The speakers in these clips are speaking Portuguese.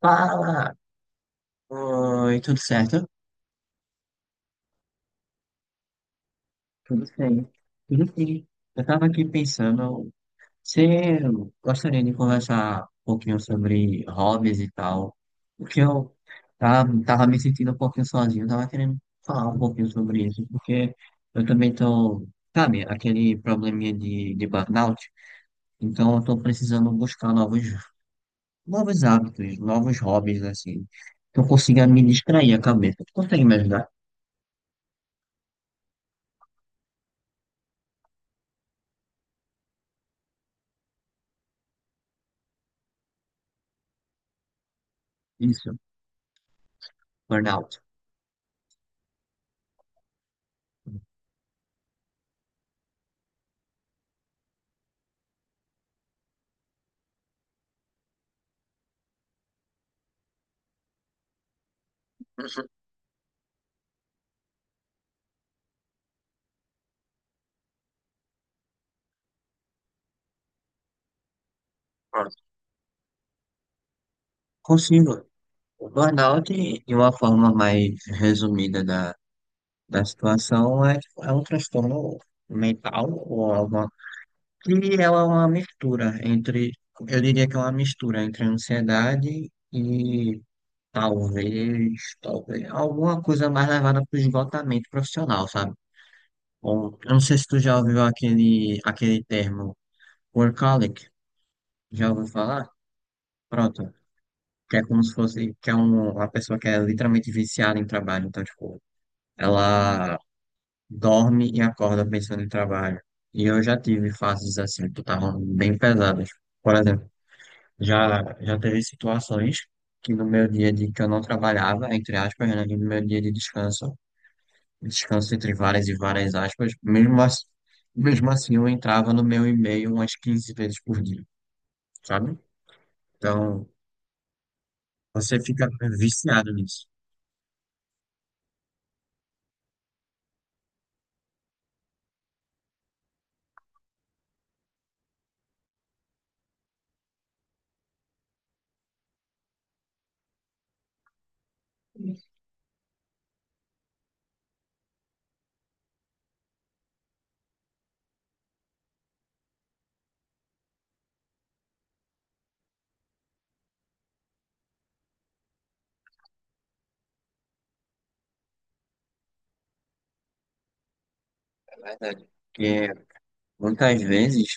Fala! Oi, tudo certo? Tudo bem. Tudo sim. Eu estava aqui pensando, você gostaria de conversar um pouquinho sobre hobbies e tal? Porque eu tava me sentindo um pouquinho sozinho, tava querendo falar um pouquinho sobre isso, porque eu também tô, sabe, aquele probleminha de burnout, então eu tô precisando buscar novos, novos hábitos, novos hobbies, assim, que eu consiga me distrair a cabeça. Tu consegue me ajudar? Isso, burnout. Uhum. Concordo. Consigo. O burnout, de uma forma mais resumida da situação, é, tipo, é um transtorno mental ou alguma, que ela é uma mistura entre, eu diria que é uma mistura entre ansiedade e talvez, talvez alguma coisa mais levada para o esgotamento profissional, sabe? Bom, eu não sei se tu já ouviu aquele termo workaholic, já ouviu falar? Pronto, que é como se fosse, que é uma pessoa que é literalmente viciada em trabalho, então, tipo, ela dorme e acorda pensando em trabalho. E eu já tive fases assim, que estavam bem pesadas. Por exemplo, já teve situações que no meu dia de que eu não trabalhava, entre aspas, né, e no meu dia de descanso, descanso entre várias e várias aspas, mesmo assim eu entrava no meu e-mail umas 15 vezes por dia, sabe? Então, você fica viciado nisso. É verdade. Porque muitas vezes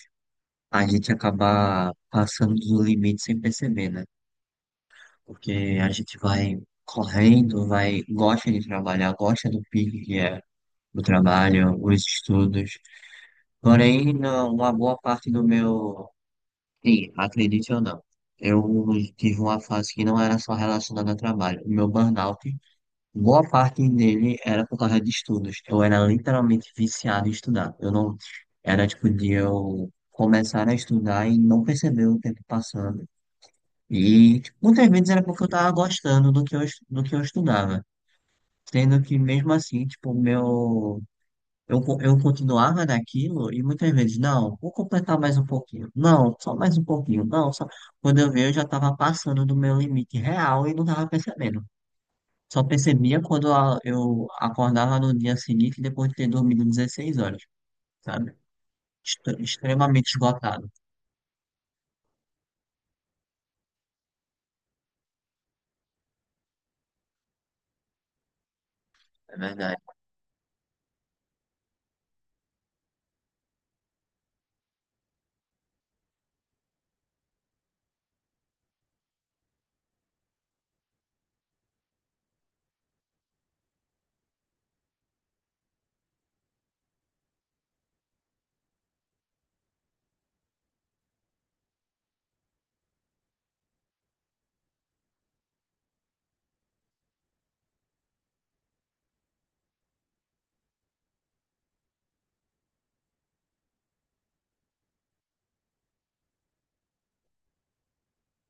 a gente acaba passando do limite sem perceber, né? Porque a gente vai correndo, vai, gosta de trabalhar, gosta do pique que é o trabalho, os estudos. Porém, uma boa parte do meu. Sim, acredite ou não, eu tive uma fase que não era só relacionada a trabalho. O meu burnout, boa parte dele era por causa de estudos. Eu era literalmente viciado em estudar. Eu não era tipo de eu começar a estudar e não perceber o tempo passando. E tipo, muitas vezes era porque eu tava gostando do que do que eu estudava. Sendo que mesmo assim, tipo, o meu eu, co- eu continuava naquilo e muitas vezes, não, vou completar mais um pouquinho. Não, só mais um pouquinho. Não, só. Quando eu vi, eu já estava passando do meu limite real e não estava percebendo. Só percebia quando eu acordava no dia seguinte, depois de ter dormido 16 horas, sabe? Estou extremamente esgotado. É verdade,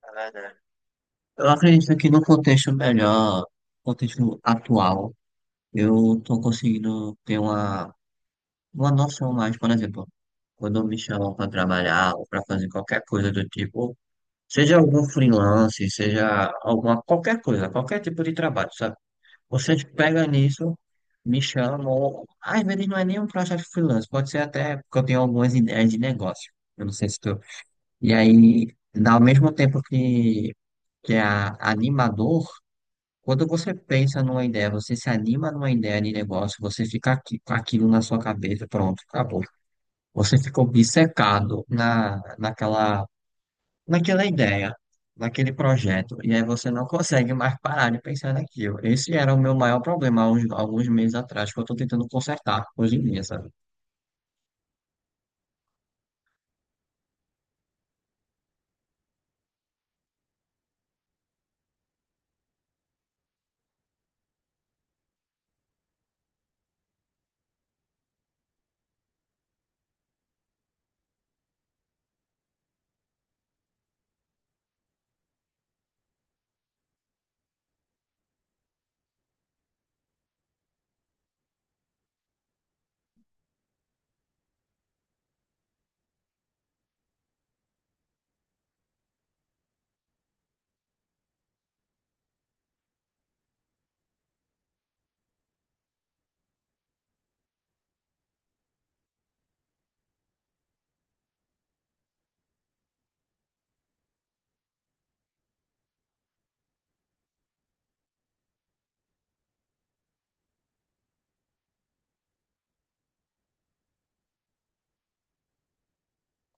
é verdade. Eu acredito que no contexto melhor, contexto atual, eu estou conseguindo ter uma. Uma noção mais, por exemplo, quando me chamam para trabalhar ou para fazer qualquer coisa do tipo, seja algum freelance, seja alguma qualquer coisa, qualquer tipo de trabalho, sabe? Vocês pegam nisso, me chamam, às vezes não é nem um projeto freelance, pode ser até porque eu tenho algumas ideias de negócio. Eu não sei se tu. E aí, ao mesmo tempo que animador, quando você pensa numa ideia, você se anima numa ideia de negócio, você fica aqui, com aquilo na sua cabeça, pronto, acabou. Você ficou obcecado na, naquela, naquela ideia, naquele projeto, e aí você não consegue mais parar de pensar naquilo. Esse era o meu maior problema há uns, alguns meses atrás, que eu estou tentando consertar hoje em dia, sabe?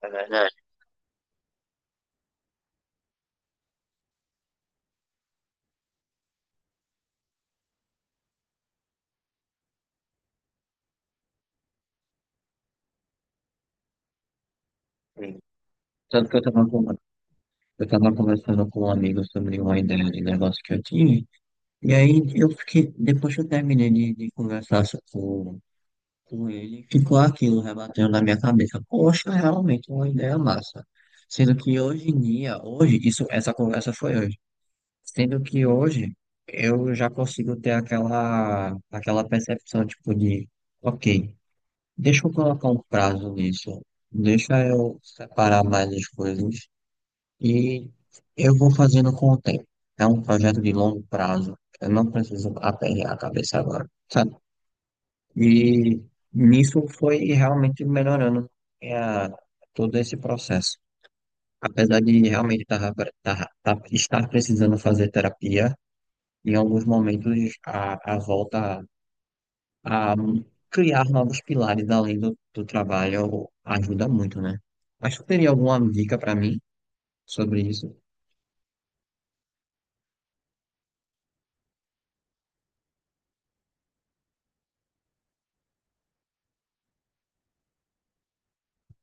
É verdade. Sim. Tanto que eu estava eu tava conversando com um amigo sobre uma ideia de negócio que eu tinha, e aí eu fiquei, depois que eu terminei de com ele, ficou aquilo rebatendo na minha cabeça. Poxa, realmente uma ideia massa. Sendo que hoje em dia, hoje, isso, essa conversa foi hoje. Sendo que hoje eu já consigo ter aquela, aquela percepção, tipo, de, ok, deixa eu colocar um prazo nisso, deixa eu separar mais as coisas e eu vou fazendo com o tempo. É um projeto de longo prazo. Eu não preciso aperrear a cabeça agora. Sabe? E nisso foi realmente melhorando é, todo esse processo. Apesar de realmente tava, estar precisando fazer terapia, em alguns momentos a volta a criar novos pilares além do trabalho ajuda muito, né? Mas tu teria alguma dica para mim sobre isso?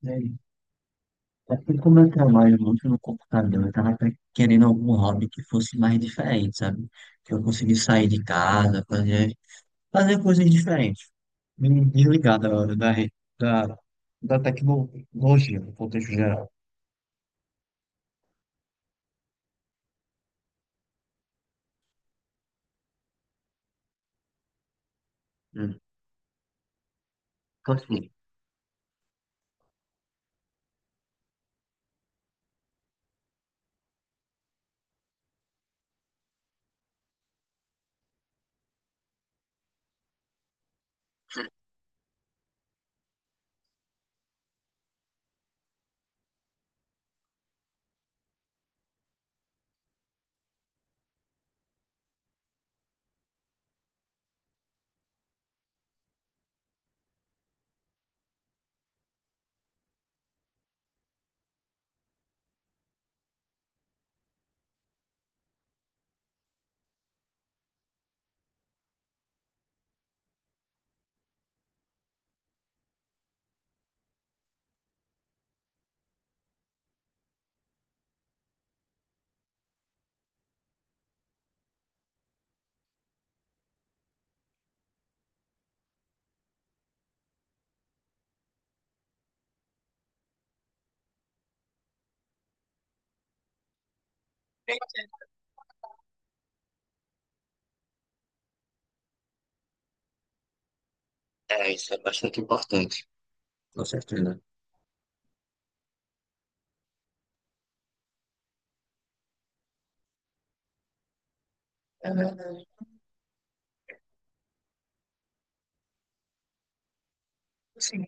É, assim como eu trabalho muito no computador, eu estava querendo algum hobby que fosse mais diferente, sabe? Que eu conseguisse sair de casa, fazer coisas diferentes, me desligar da, da tecnologia, no contexto geral. Hum. Continue. É, isso é bastante importante, com certeza. É verdade. Sim,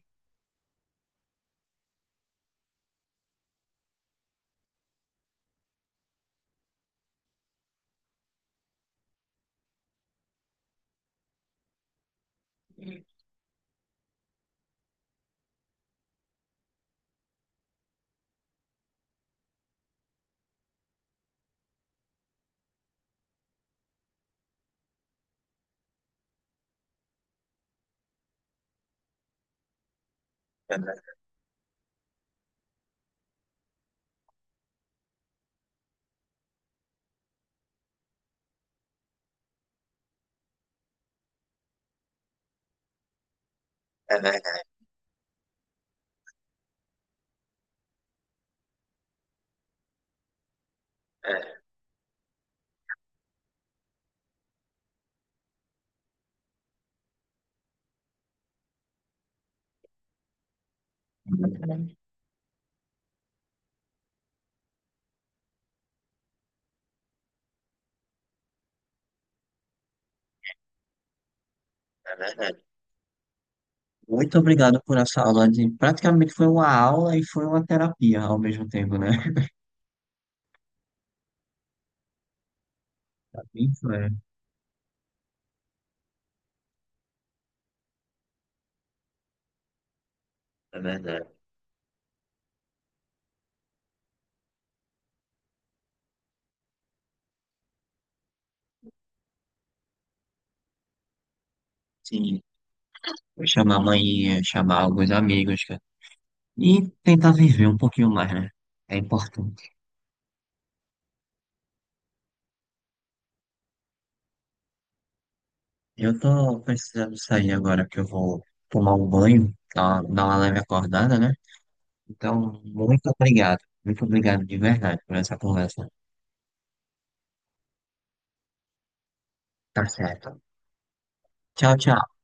é ver- é verdade. É. É verdade. Muito obrigado por essa aula de... Praticamente foi uma aula e foi uma terapia ao mesmo tempo, né? Pra mim foi. É verdade. Sim. Vou chamar a mãe, chamar alguns amigos, cara. E tentar viver um pouquinho mais, né? É importante. Eu tô precisando sair agora que eu vou tomar um banho, tá? Dar uma leve acordada, né? Então, muito obrigado. Muito obrigado de verdade por essa conversa. Tá certo. Tchau, tchau.